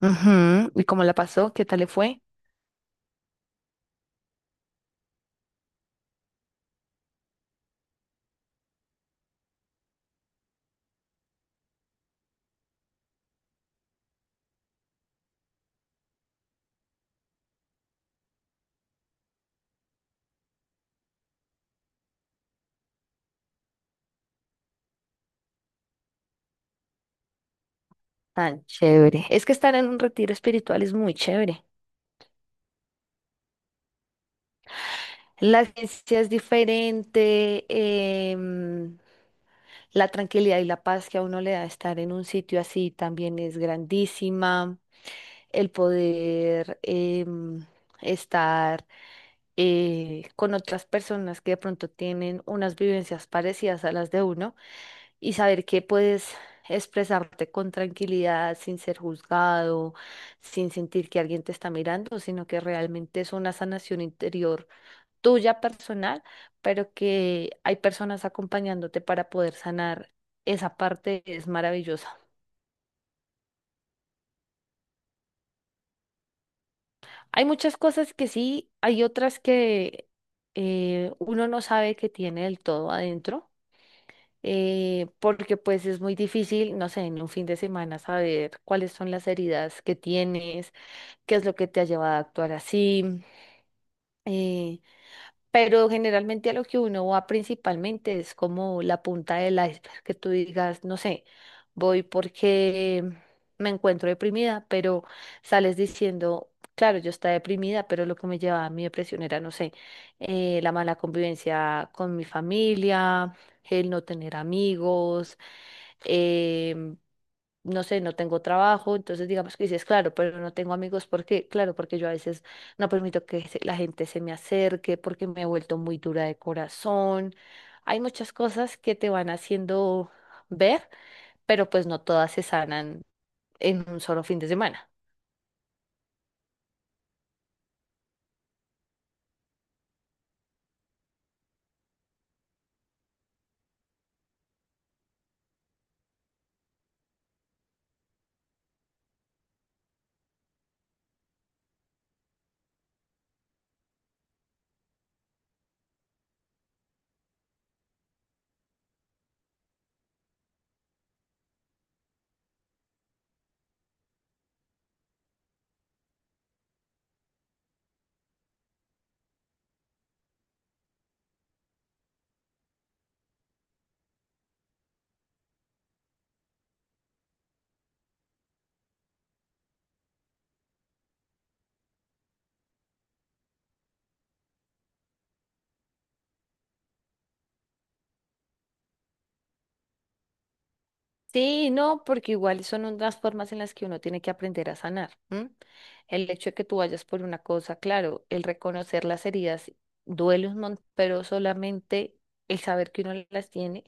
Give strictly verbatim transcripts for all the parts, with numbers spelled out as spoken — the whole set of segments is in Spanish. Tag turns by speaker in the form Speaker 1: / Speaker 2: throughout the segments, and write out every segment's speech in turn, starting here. Speaker 1: Ujú, ¿y cómo la pasó? ¿Qué tal le fue? Tan chévere. Es que estar en un retiro espiritual es muy chévere. La ciencia es diferente, em, la tranquilidad y la paz que a uno le da estar en un sitio así también es grandísima. El poder em, estar eh, con otras personas que de pronto tienen unas vivencias parecidas a las de uno, y saber que puedes expresarte con tranquilidad, sin ser juzgado, sin sentir que alguien te está mirando, sino que realmente es una sanación interior tuya personal, pero que hay personas acompañándote para poder sanar. Esa parte es maravillosa. Hay muchas cosas que sí, hay otras que eh, uno no sabe que tiene del todo adentro, eh, porque pues es muy difícil, no sé, en un fin de semana saber cuáles son las heridas que tienes, qué es lo que te ha llevado a actuar así. eh, pero generalmente a lo que uno va principalmente es como la punta del iceberg, que tú digas, no sé, voy porque me encuentro deprimida, pero sales diciendo, claro, yo estaba deprimida, pero lo que me llevaba a mi depresión era, no sé, eh, la mala convivencia con mi familia, el no tener amigos, eh, no sé, no tengo trabajo, entonces digamos que dices, claro, pero no tengo amigos, ¿por qué? Claro, porque yo a veces no permito que se- la gente se me acerque, porque me he vuelto muy dura de corazón. Hay muchas cosas que te van haciendo ver, pero pues no todas se sanan en un solo fin de semana. Sí, no, porque igual son unas formas en las que uno tiene que aprender a sanar, ¿m? El hecho de que tú vayas por una cosa, claro, el reconocer las heridas duele un montón, pero solamente el saber que uno las tiene,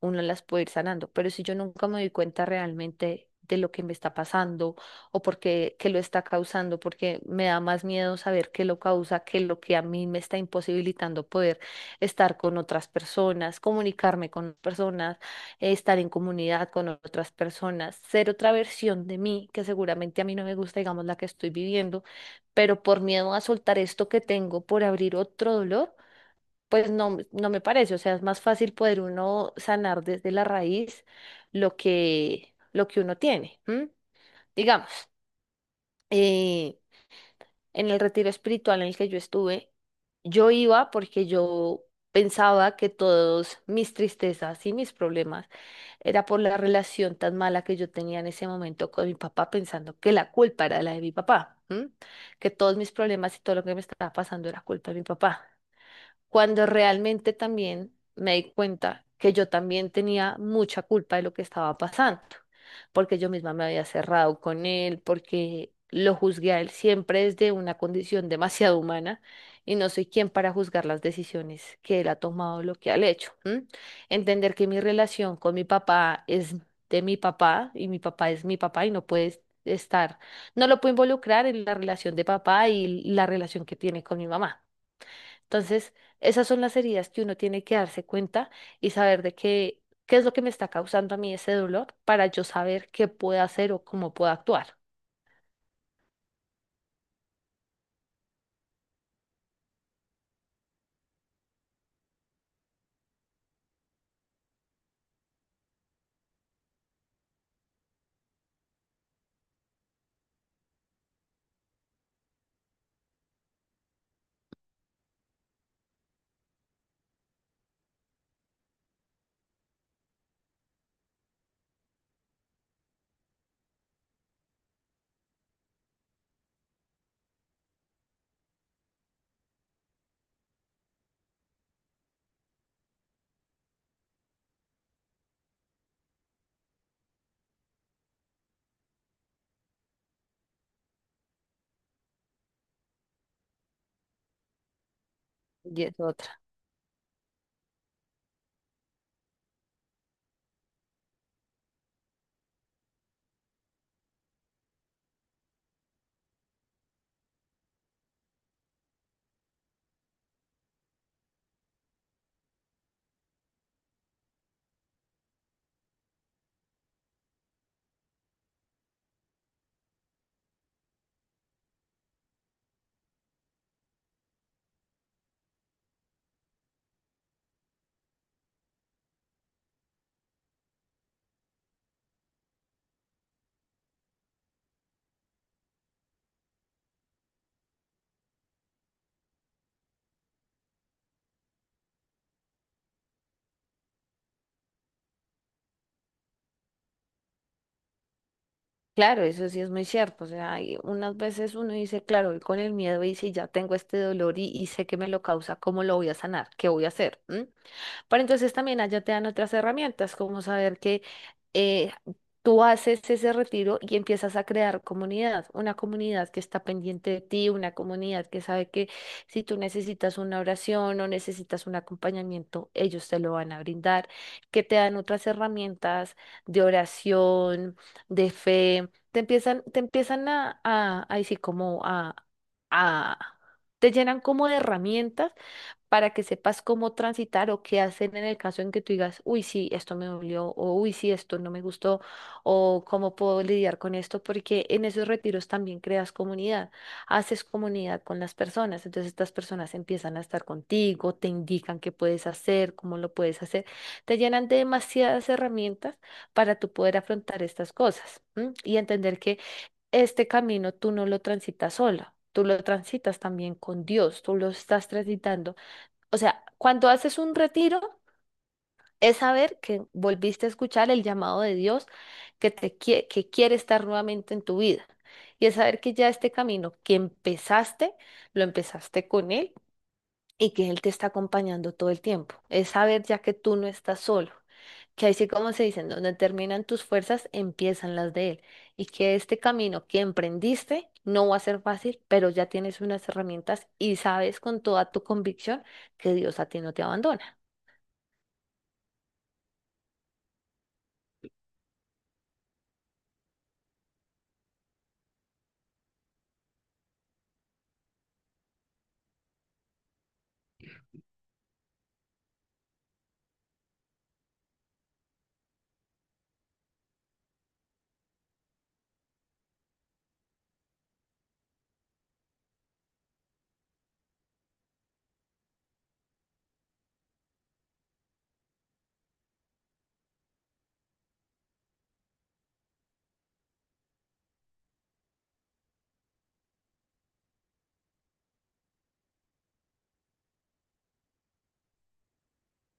Speaker 1: uno las puede ir sanando. Pero si yo nunca me doy cuenta realmente de lo que me está pasando o por qué, qué lo está causando, porque me da más miedo saber qué lo causa que lo que a mí me está imposibilitando poder estar con otras personas, comunicarme con personas, estar en comunidad con otras personas, ser otra versión de mí, que seguramente a mí no me gusta, digamos, la que estoy viviendo, pero por miedo a soltar esto que tengo, por abrir otro dolor, pues no, no me parece, o sea, es más fácil poder uno sanar desde la raíz lo que, lo que uno tiene, ¿m? Digamos. eh, en el retiro espiritual en el que yo estuve, yo iba porque yo pensaba que todos mis tristezas y mis problemas era por la relación tan mala que yo tenía en ese momento con mi papá, pensando que la culpa era la de mi papá, ¿m? Que todos mis problemas y todo lo que me estaba pasando era culpa de mi papá cuando realmente también me di cuenta que yo también tenía mucha culpa de lo que estaba pasando, porque yo misma me había cerrado con él, porque lo juzgué a él siempre desde una condición demasiado humana y no soy quien para juzgar las decisiones que él ha tomado, lo que ha hecho, ¿m? Entender que mi relación con mi papá es de mi papá y mi papá es mi papá y no puede estar, no lo puedo involucrar en la relación de papá y la relación que tiene con mi mamá. Entonces, esas son las heridas que uno tiene que darse cuenta y saber de qué, qué es lo que me está causando a mí ese dolor para yo saber qué puedo hacer o cómo puedo actuar. Y es otra. Claro, eso sí es muy cierto. O sea, hay unas veces uno dice, claro, voy con el miedo y si ya tengo este dolor y, y sé que me lo causa, ¿cómo lo voy a sanar? ¿Qué voy a hacer? ¿Mm? Pero entonces también allá te dan otras herramientas, como saber que eh, tú haces ese retiro y empiezas a crear comunidad, una comunidad que está pendiente de ti, una comunidad que sabe que si tú necesitas una oración o necesitas un acompañamiento, ellos te lo van a brindar, que te dan otras herramientas de oración, de fe, te empiezan, te empiezan a, a, ahí sí, como a, a, te llenan como de herramientas para que sepas cómo transitar o qué hacer en el caso en que tú digas, uy, sí, esto me dolió, o uy, sí, esto no me gustó, o cómo puedo lidiar con esto, porque en esos retiros también creas comunidad, haces comunidad con las personas, entonces estas personas empiezan a estar contigo, te indican qué puedes hacer, cómo lo puedes hacer, te llenan de demasiadas herramientas para tú poder afrontar estas cosas, ¿m?, y entender que este camino tú no lo transitas sola. Tú lo transitas también con Dios, tú lo estás transitando, o sea, cuando haces un retiro, es saber que volviste a escuchar el llamado de Dios, que te quie- que quiere estar nuevamente en tu vida. Y es saber que ya este camino que empezaste, lo empezaste con Él y que Él te está acompañando todo el tiempo. Es saber ya que tú no estás solo, que así como se dicen, donde terminan tus fuerzas, empiezan las de Él. Y que este camino que emprendiste no va a ser fácil, pero ya tienes unas herramientas y sabes con toda tu convicción que Dios a ti no te abandona.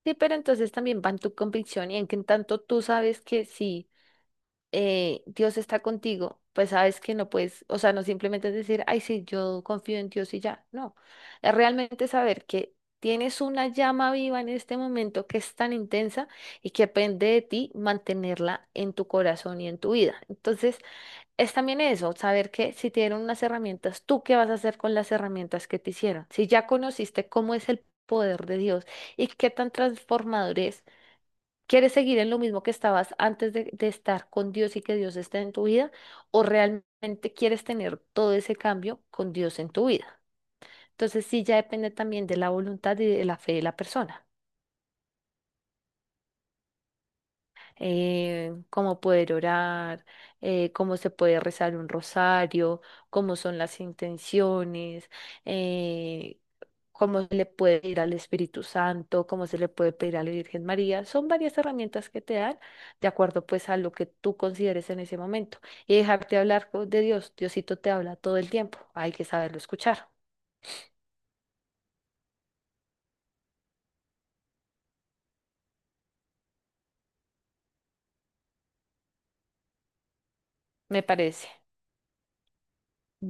Speaker 1: Sí, pero entonces también va en tu convicción y en que en tanto tú sabes que sí, eh, Dios está contigo, pues sabes que no puedes, o sea, no simplemente es decir, ay, sí, yo confío en Dios y ya, no, es realmente saber que tienes una llama viva en este momento que es tan intensa y que depende de ti mantenerla en tu corazón y en tu vida. Entonces, es también eso, saber que si te dieron unas herramientas, ¿tú qué vas a hacer con las herramientas que te hicieron? Si ya conociste cómo es el poder de Dios y qué tan transformador es, ¿quieres seguir en lo mismo que estabas antes de, de estar con Dios y que Dios esté en tu vida? ¿O realmente quieres tener todo ese cambio con Dios en tu vida? Entonces sí, ya depende también de la voluntad y de la fe de la persona. Eh, cómo poder orar, eh, cómo se puede rezar un rosario, cómo son las intenciones, eh, cómo se le puede pedir al Espíritu Santo, cómo se le puede pedir a la Virgen María. Son varias herramientas que te dan de acuerdo pues a lo que tú consideres en ese momento. Y dejarte hablar co- de Dios. Diosito te habla todo el tiempo. Hay que saberlo escuchar, me parece.